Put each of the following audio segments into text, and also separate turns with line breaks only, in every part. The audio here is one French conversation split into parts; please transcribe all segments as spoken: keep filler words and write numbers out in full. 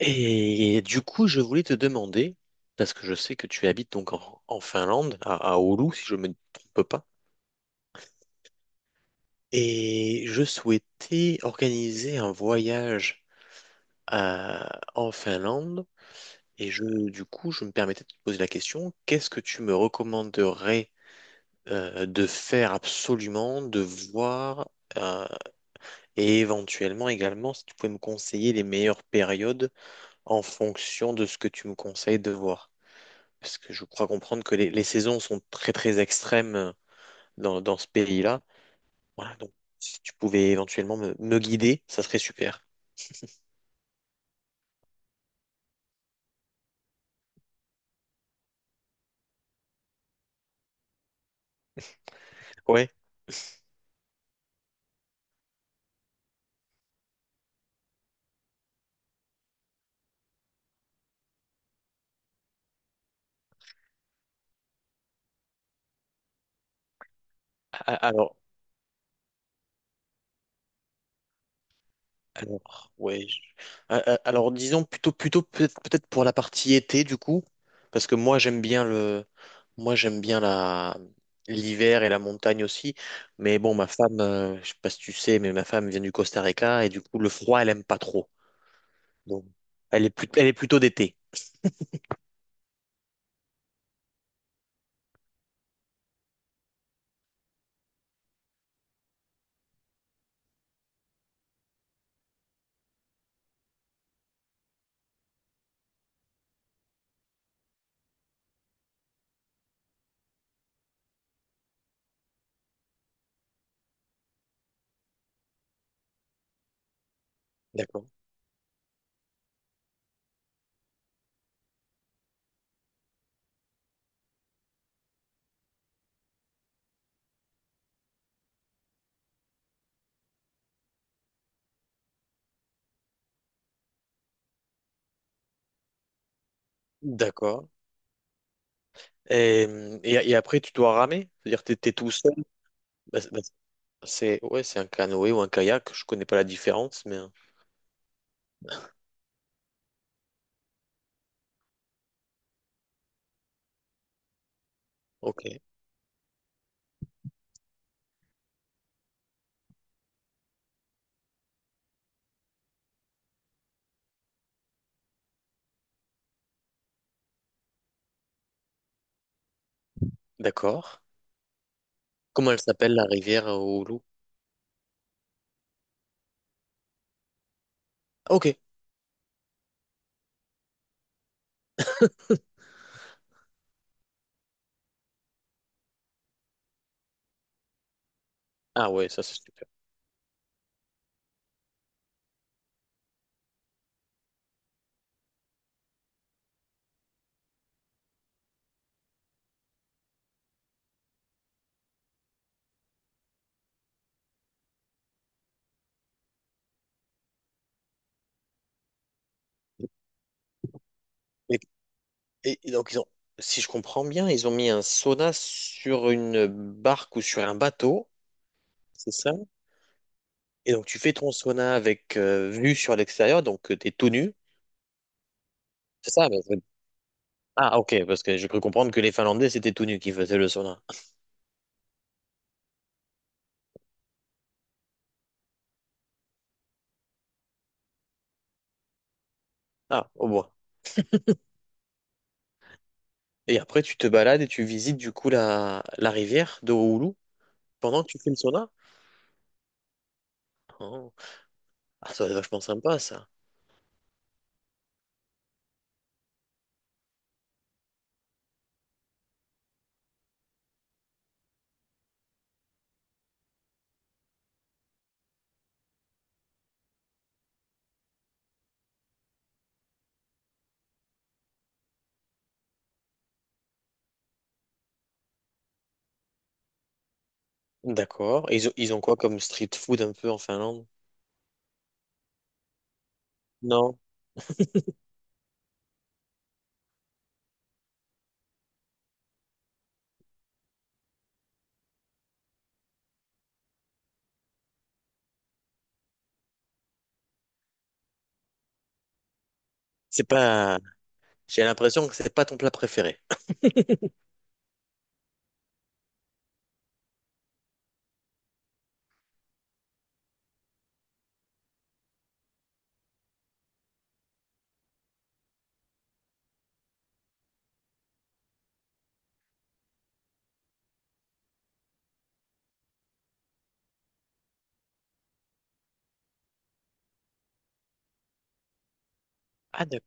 Et du coup, je voulais te demander, parce que je sais que tu habites donc en, en Finlande, à, à Oulu, si je ne me trompe pas, et je souhaitais organiser un voyage à- en Finlande, et je, du coup, je me permettais de te poser la question, qu'est-ce que tu me recommanderais, euh, de faire absolument, de voir, euh, et éventuellement également, si tu pouvais me conseiller les meilleures périodes en fonction de ce que tu me conseilles de voir. Parce que je crois comprendre que les, les saisons sont très très extrêmes, euh, dans, dans ce pays-là. Voilà, donc si tu pouvais éventuellement me, me guider, ça serait super. Ouais. A- Alors, alors, ouais. je- a- a- Alors, disons plutôt plutôt peut-être peut-être pour la partie été du coup, parce que moi j'aime bien le, moi j'aime bien la l'hiver et la montagne aussi. Mais bon, ma femme, euh, je sais pas si tu sais, mais ma femme vient du Costa Rica et du coup le froid elle aime pas trop. Donc, elle est plus- elle est plutôt d'été. D'accord. D'accord. Et, et- et après, tu dois ramer? C'est-à-dire que tu es tout seul? Bah, c'est, bah, c'est- ouais, c'est un canoë ou un kayak. Je connais pas la différence, mais... euh, ok, d'accord. Comment elle s'appelle, la rivière, euh, au loup? Ok. Ah ouais, ça c'est super. Et et donc, ils ont, si je comprends bien, ils ont mis un sauna sur une barque ou sur un bateau, c'est ça? Et donc, tu fais ton sauna avec, euh, vue sur l'extérieur, donc euh, t'es tout nu. C'est ça? parce que- Ah, ok, parce que je peux comprendre que les Finlandais, c'était tout nu qui faisaient le sauna. Ah, au bois. Et après, tu te balades et tu visites du coup la, la rivière de Oulu pendant que tu fais le sauna? Oh. Ah, ça doit être vachement sympa, ça. D'accord. Et ils ont, ils ont quoi comme street food un peu en Finlande? Non, c'est pas. J'ai l'impression que c'est pas ton plat préféré. Ah, d'accord.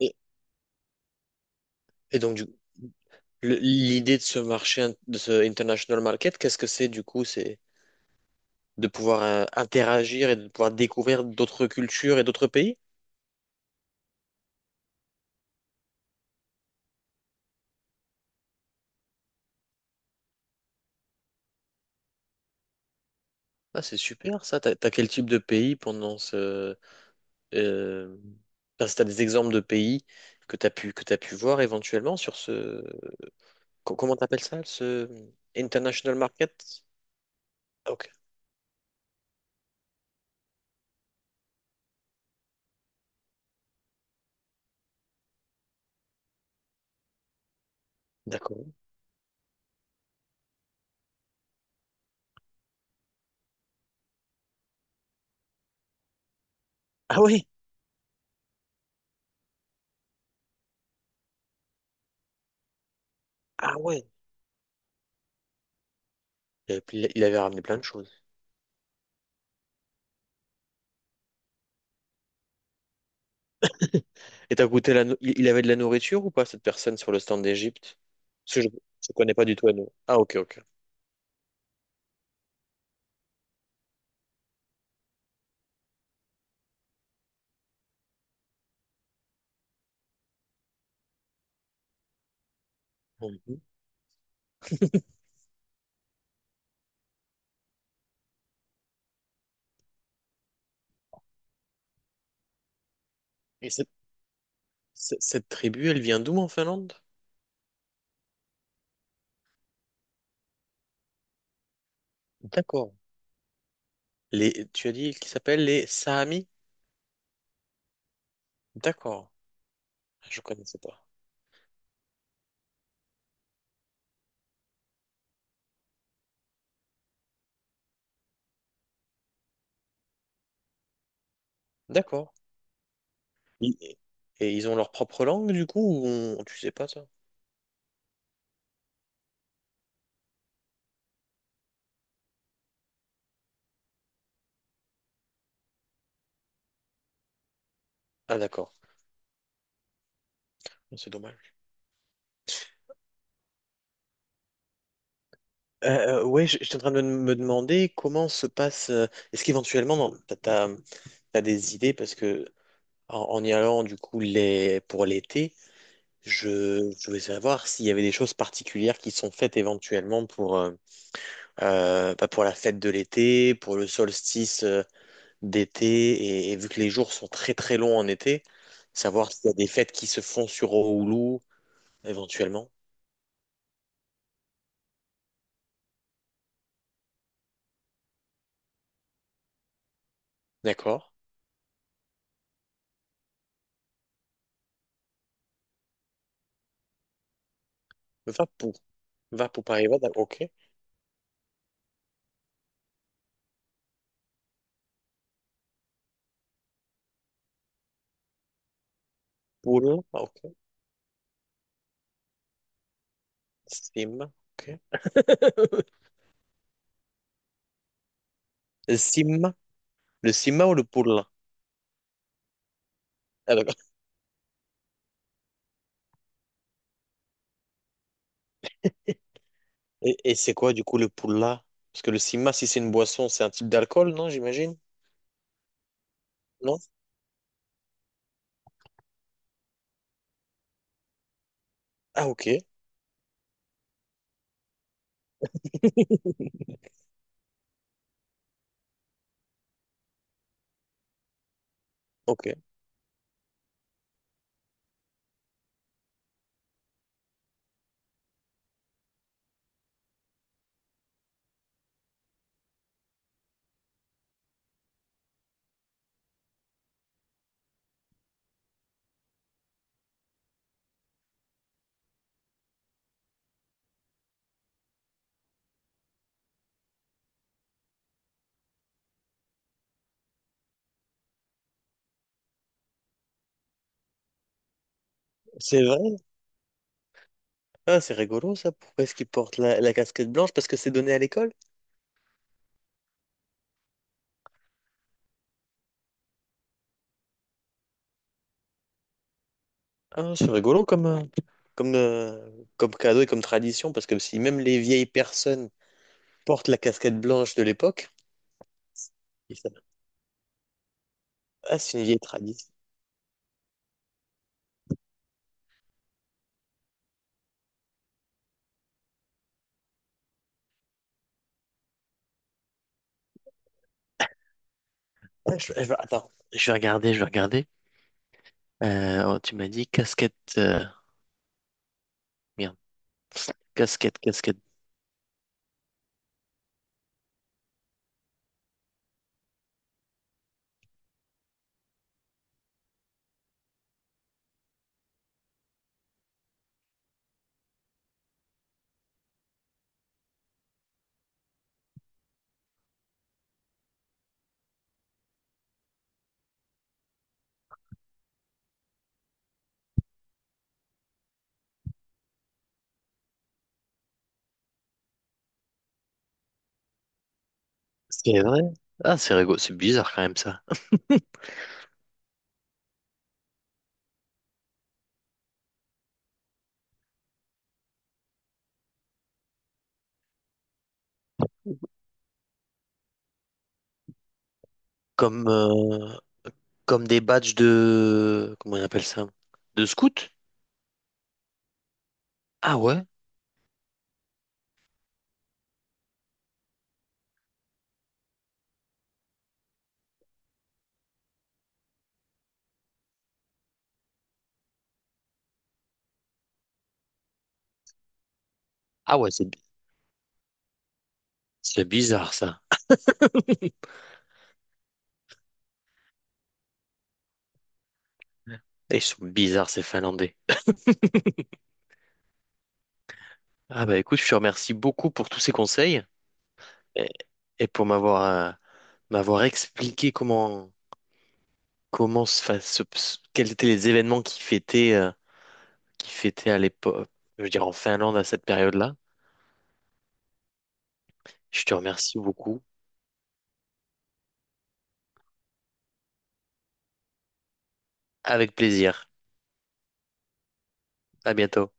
Et, et donc, du, le- L'idée de ce marché, in- de ce international market, qu'est-ce que c'est du coup? C'est de pouvoir, euh, interagir et de pouvoir découvrir d'autres cultures et d'autres pays? Ah, c'est super ça. T'as, t'as quel type de pays pendant ce. Euh, enfin, si t'as des exemples de pays que t'as pu, que t'as pu voir éventuellement sur ce. co- Comment t'appelles ça? Ce international market? Ah, ok, d'accord. Ah oui, ah ouais. Il avait, il avait ramené plein de choses. Et t'as goûté la... nou- Il il avait de la nourriture ou pas, cette personne sur le stand d'Égypte? Parce que je ne connais pas du tout à nous. Ah, ok, ok. Mhm. Et cette, cette- cette tribu, elle vient d'où en Finlande? D'accord. Les... Tu as dit qu'ils s'appellent les Saamis? D'accord. Ah, je connaissais pas. D'accord. Et et ils ont leur propre langue, du coup, ou on- tu sais pas ça? Ah, d'accord. C'est dommage. Euh, euh, ouais, j- j'étais en train de me me demander comment se passe. euh, Est-ce qu'éventuellement, dans- t'as, t'as- t'as des idées parce que En, en y allant, du coup, les, pour l'été, je, je voulais savoir s'il y avait des choses particulières qui sont faites éventuellement pour, euh, euh, bah, pour la fête de l'été, pour le solstice, euh, d'été, et, et vu que les jours sont très très longs en été, savoir s'il y a des fêtes qui se font sur Oulu, éventuellement. D'accord. Va pour. Va d'ac- ok. Poule, ah, ok. Sima. Ok. Le Sim, le Sima ou le Poule? Et, et c'est quoi du coup le pulla? Parce que le sima, si c'est une boisson, c'est un type d'alcool, non, j'imagine? Non? Ah ok, ok. C'est vrai? Ah c'est rigolo ça. Pourquoi est-ce qu'il porte la, la casquette blanche? Parce que c'est donné à l'école? Ah c'est rigolo comme, euh, comme, euh, comme cadeau et comme tradition. Parce que si même les vieilles personnes portent la casquette blanche de l'époque, ils savent. Ah c'est une vieille tradition. Ah, je- je attends, je vais regarder, je vais regarder. Euh, oh, tu m'as dit casquette. Euh, merde, casquette, casquette. C'est vrai? Ah, c'est rigolo, c'est bizarre quand même ça. Comme, euh, comme des badges de... Comment on appelle ça? De scout? Ah ouais? Ah ouais, c'est bi- c'est bizarre ça. Et ils sont bizarres ces Finlandais. Ah bah écoute, je te remercie beaucoup pour tous ces conseils et, et pour m'avoir, euh, m'avoir expliqué comment comment se fa- se- se- quels étaient les événements qui fêtaient, euh, qui fêtaient à l'époque, je veux dire en Finlande à cette période-là. Je te remercie beaucoup. Avec plaisir. À bientôt.